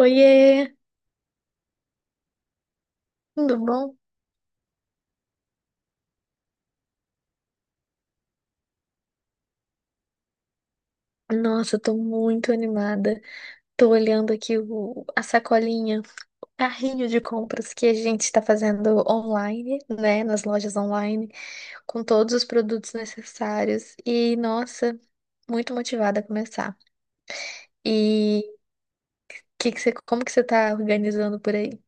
Oiê, tudo bom? Nossa, eu tô muito animada. Tô olhando aqui a sacolinha, carrinho de compras que a gente tá fazendo online, né? Nas lojas online, com todos os produtos necessários. E, nossa, muito motivada a começar. E como que você tá organizando por aí?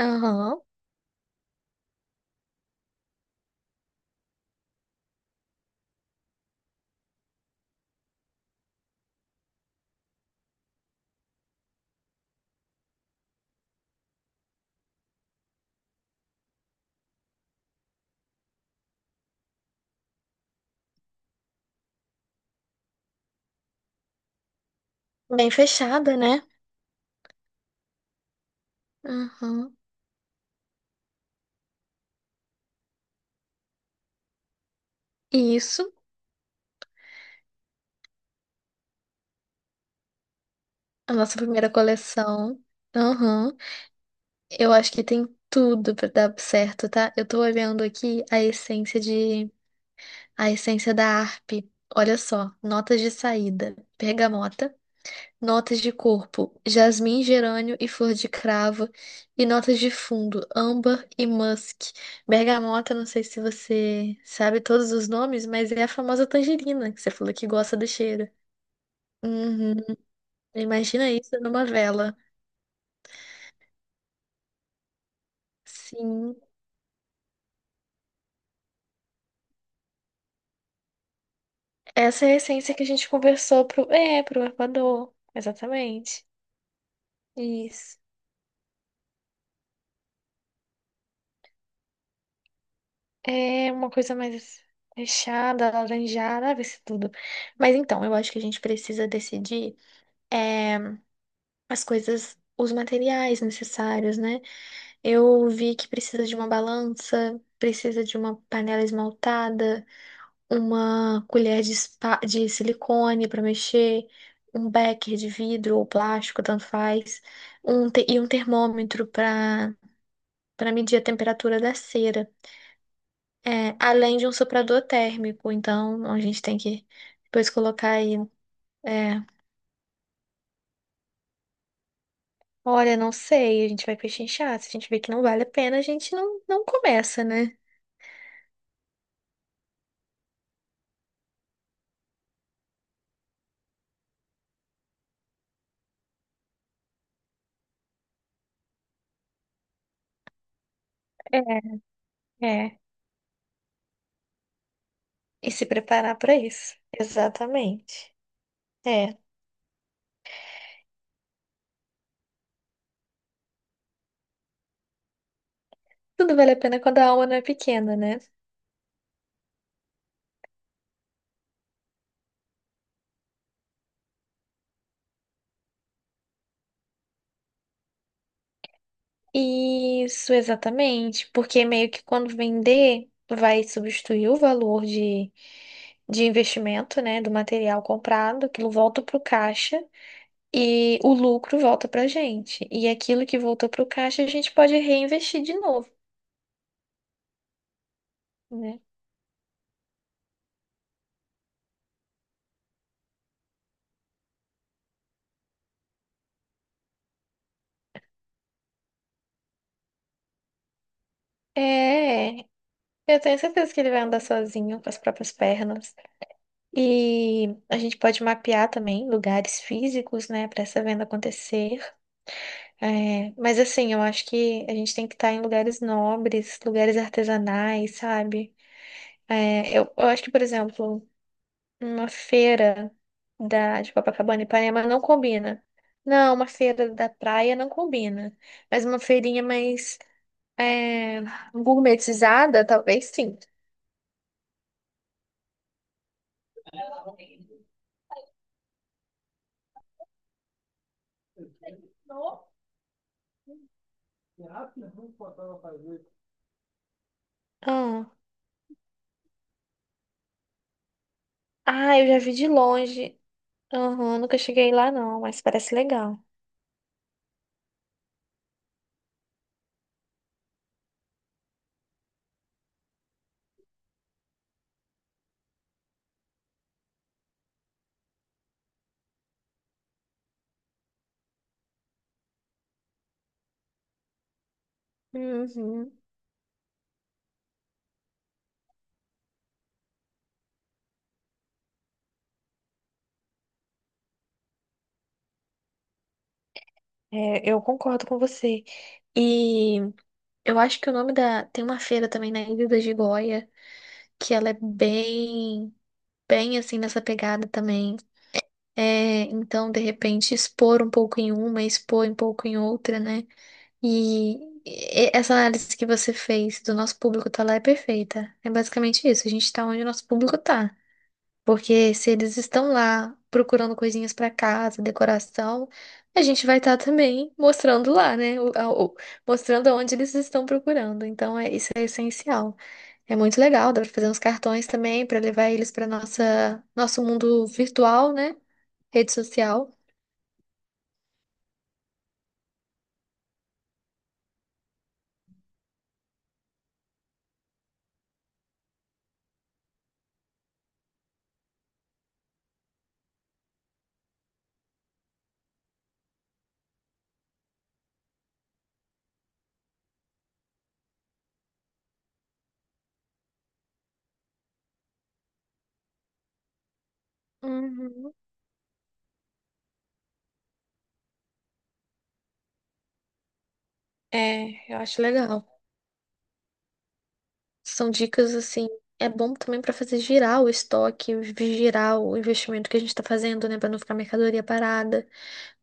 Aham. Bem fechada, né? Aham. Isso, a nossa primeira coleção. Aham. Eu acho que tem tudo pra dar certo, tá? Eu tô olhando aqui a essência da harpe. Olha só, notas de saída, bergamota, notas de corpo, jasmim, gerânio e flor de cravo, e notas de fundo, âmbar e musk. Bergamota, não sei se você sabe todos os nomes, mas é a famosa tangerina que você falou que gosta do cheiro. Uhum. Imagina isso numa vela. Sim. Essa é a essência que a gente conversou pro Equador. Exatamente. Isso. É uma coisa mais fechada, alaranjada, ah, vai ser tudo. Mas então, eu acho que a gente precisa decidir é, as coisas, os materiais necessários, né? Eu vi que precisa de uma balança, precisa de uma panela esmaltada. Uma colher de silicone para mexer, um becker de vidro ou plástico, tanto faz, e um termômetro para medir a temperatura da cera. É, além de um soprador térmico. Então, a gente tem que depois colocar aí. é, Olha, não sei, a gente vai pechinchar. Se a gente vê que não vale a pena, a gente não, não começa, né? É, é. E se preparar para isso. Exatamente. É. Tudo vale a pena quando a alma não é pequena, né? Isso, exatamente, porque meio que quando vender, vai substituir o valor de investimento, né, do material comprado, aquilo volta para o caixa e o lucro volta para a gente. E aquilo que voltou para o caixa, a gente pode reinvestir de novo, né? É, eu tenho certeza que ele vai andar sozinho com as próprias pernas. E a gente pode mapear também lugares físicos, né, para essa venda acontecer. É, mas assim, eu acho que a gente tem que estar em lugares nobres, lugares artesanais, sabe? É, eu acho que, por exemplo, uma feira de Copacabana e Ipanema não combina. Não, uma feira da praia não combina. Mas uma feirinha mais é, gourmetizada, talvez sim. Ah, ah, eu já vi de longe. Aham, nunca cheguei lá não, mas parece legal. Uhum. É, eu concordo com você. E eu acho que o nome da. Tem uma feira também na Ilha da Gigoia, que ela é bem, bem assim nessa pegada também. É, então, de repente, expor um pouco em uma, expor um pouco em outra, né? E essa análise que você fez do nosso público tá lá é perfeita. É basicamente isso, a gente tá onde o nosso público tá. Porque se eles estão lá procurando coisinhas para casa, decoração, a gente vai estar também mostrando lá, né? Mostrando onde eles estão procurando. Então, isso é essencial. É muito legal, dá para fazer uns cartões também para levar eles para nossa nosso mundo virtual, né? Rede social. Uhum. É, eu acho legal. São dicas assim. É bom também para fazer girar o estoque, girar o investimento que a gente está fazendo, né? Para não ficar mercadoria parada.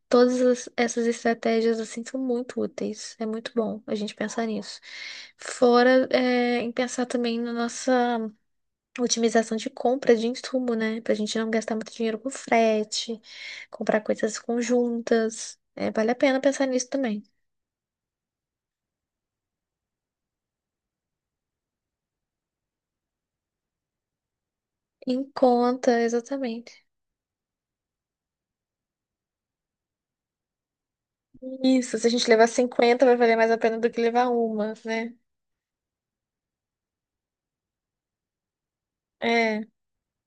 Todas essas estratégias assim são muito úteis. É muito bom a gente pensar nisso. Fora em pensar também na nossa otimização de compra de insumo, né? Pra gente não gastar muito dinheiro com frete, comprar coisas conjuntas. É, vale a pena pensar nisso também. Em conta, exatamente. Isso, se a gente levar 50 vai valer mais a pena do que levar uma, né? É,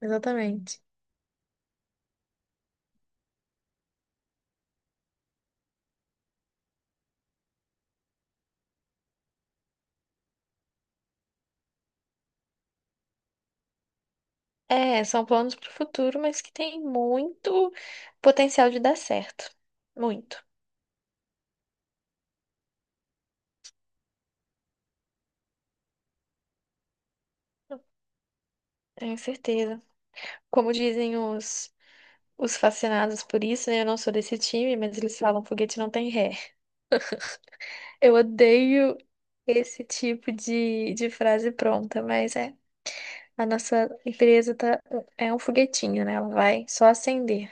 exatamente. É, são planos para o futuro, mas que tem muito potencial de dar certo. Muito, tenho certeza. Como dizem os fascinados por isso, né? Eu não sou desse time, mas eles falam foguete não tem ré. Eu odeio esse tipo de frase pronta, mas é. A nossa empresa tá, é um foguetinho, né? Ela vai só acender.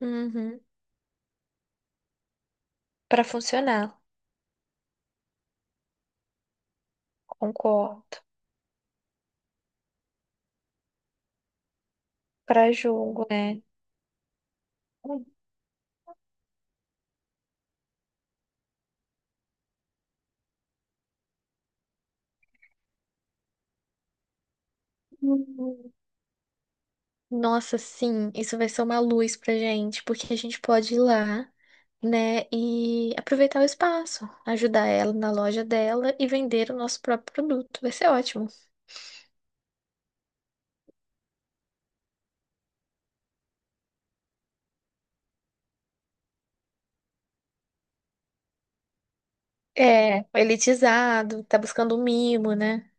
Uhum. Para funcionar, concordo. Para julgo, né? Nossa, sim, isso vai ser uma luz pra gente, porque a gente pode ir lá, né, e aproveitar o espaço, ajudar ela na loja dela e vender o nosso próprio produto. Vai ser ótimo. É, elitizado, tá buscando um mimo, né?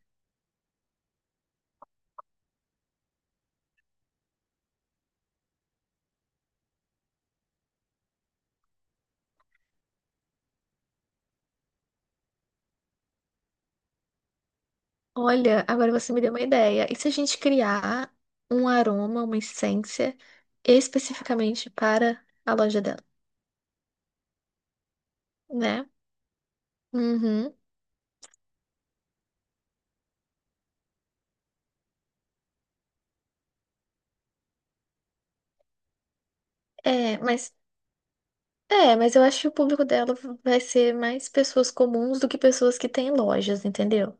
Olha, agora você me deu uma ideia. E se a gente criar um aroma, uma essência especificamente para a loja dela, né? Uhum. É, mas É, mas eu acho que o público dela vai ser mais pessoas comuns do que pessoas que têm lojas, entendeu?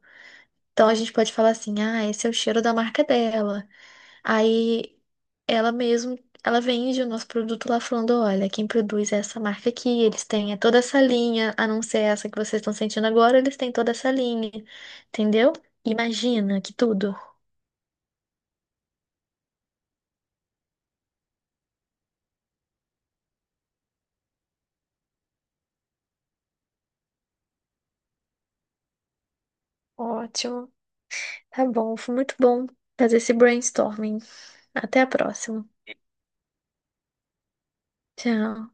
Então a gente pode falar assim, ah, esse é o cheiro da marca dela. Aí ela mesmo, ela vende o nosso produto lá falando, olha, quem produz é essa marca aqui, eles têm é toda essa linha, a não ser essa que vocês estão sentindo agora, eles têm toda essa linha, entendeu? Imagina que tudo. Ótimo. Tá bom, foi muito bom fazer esse brainstorming. Até a próxima. Tchau.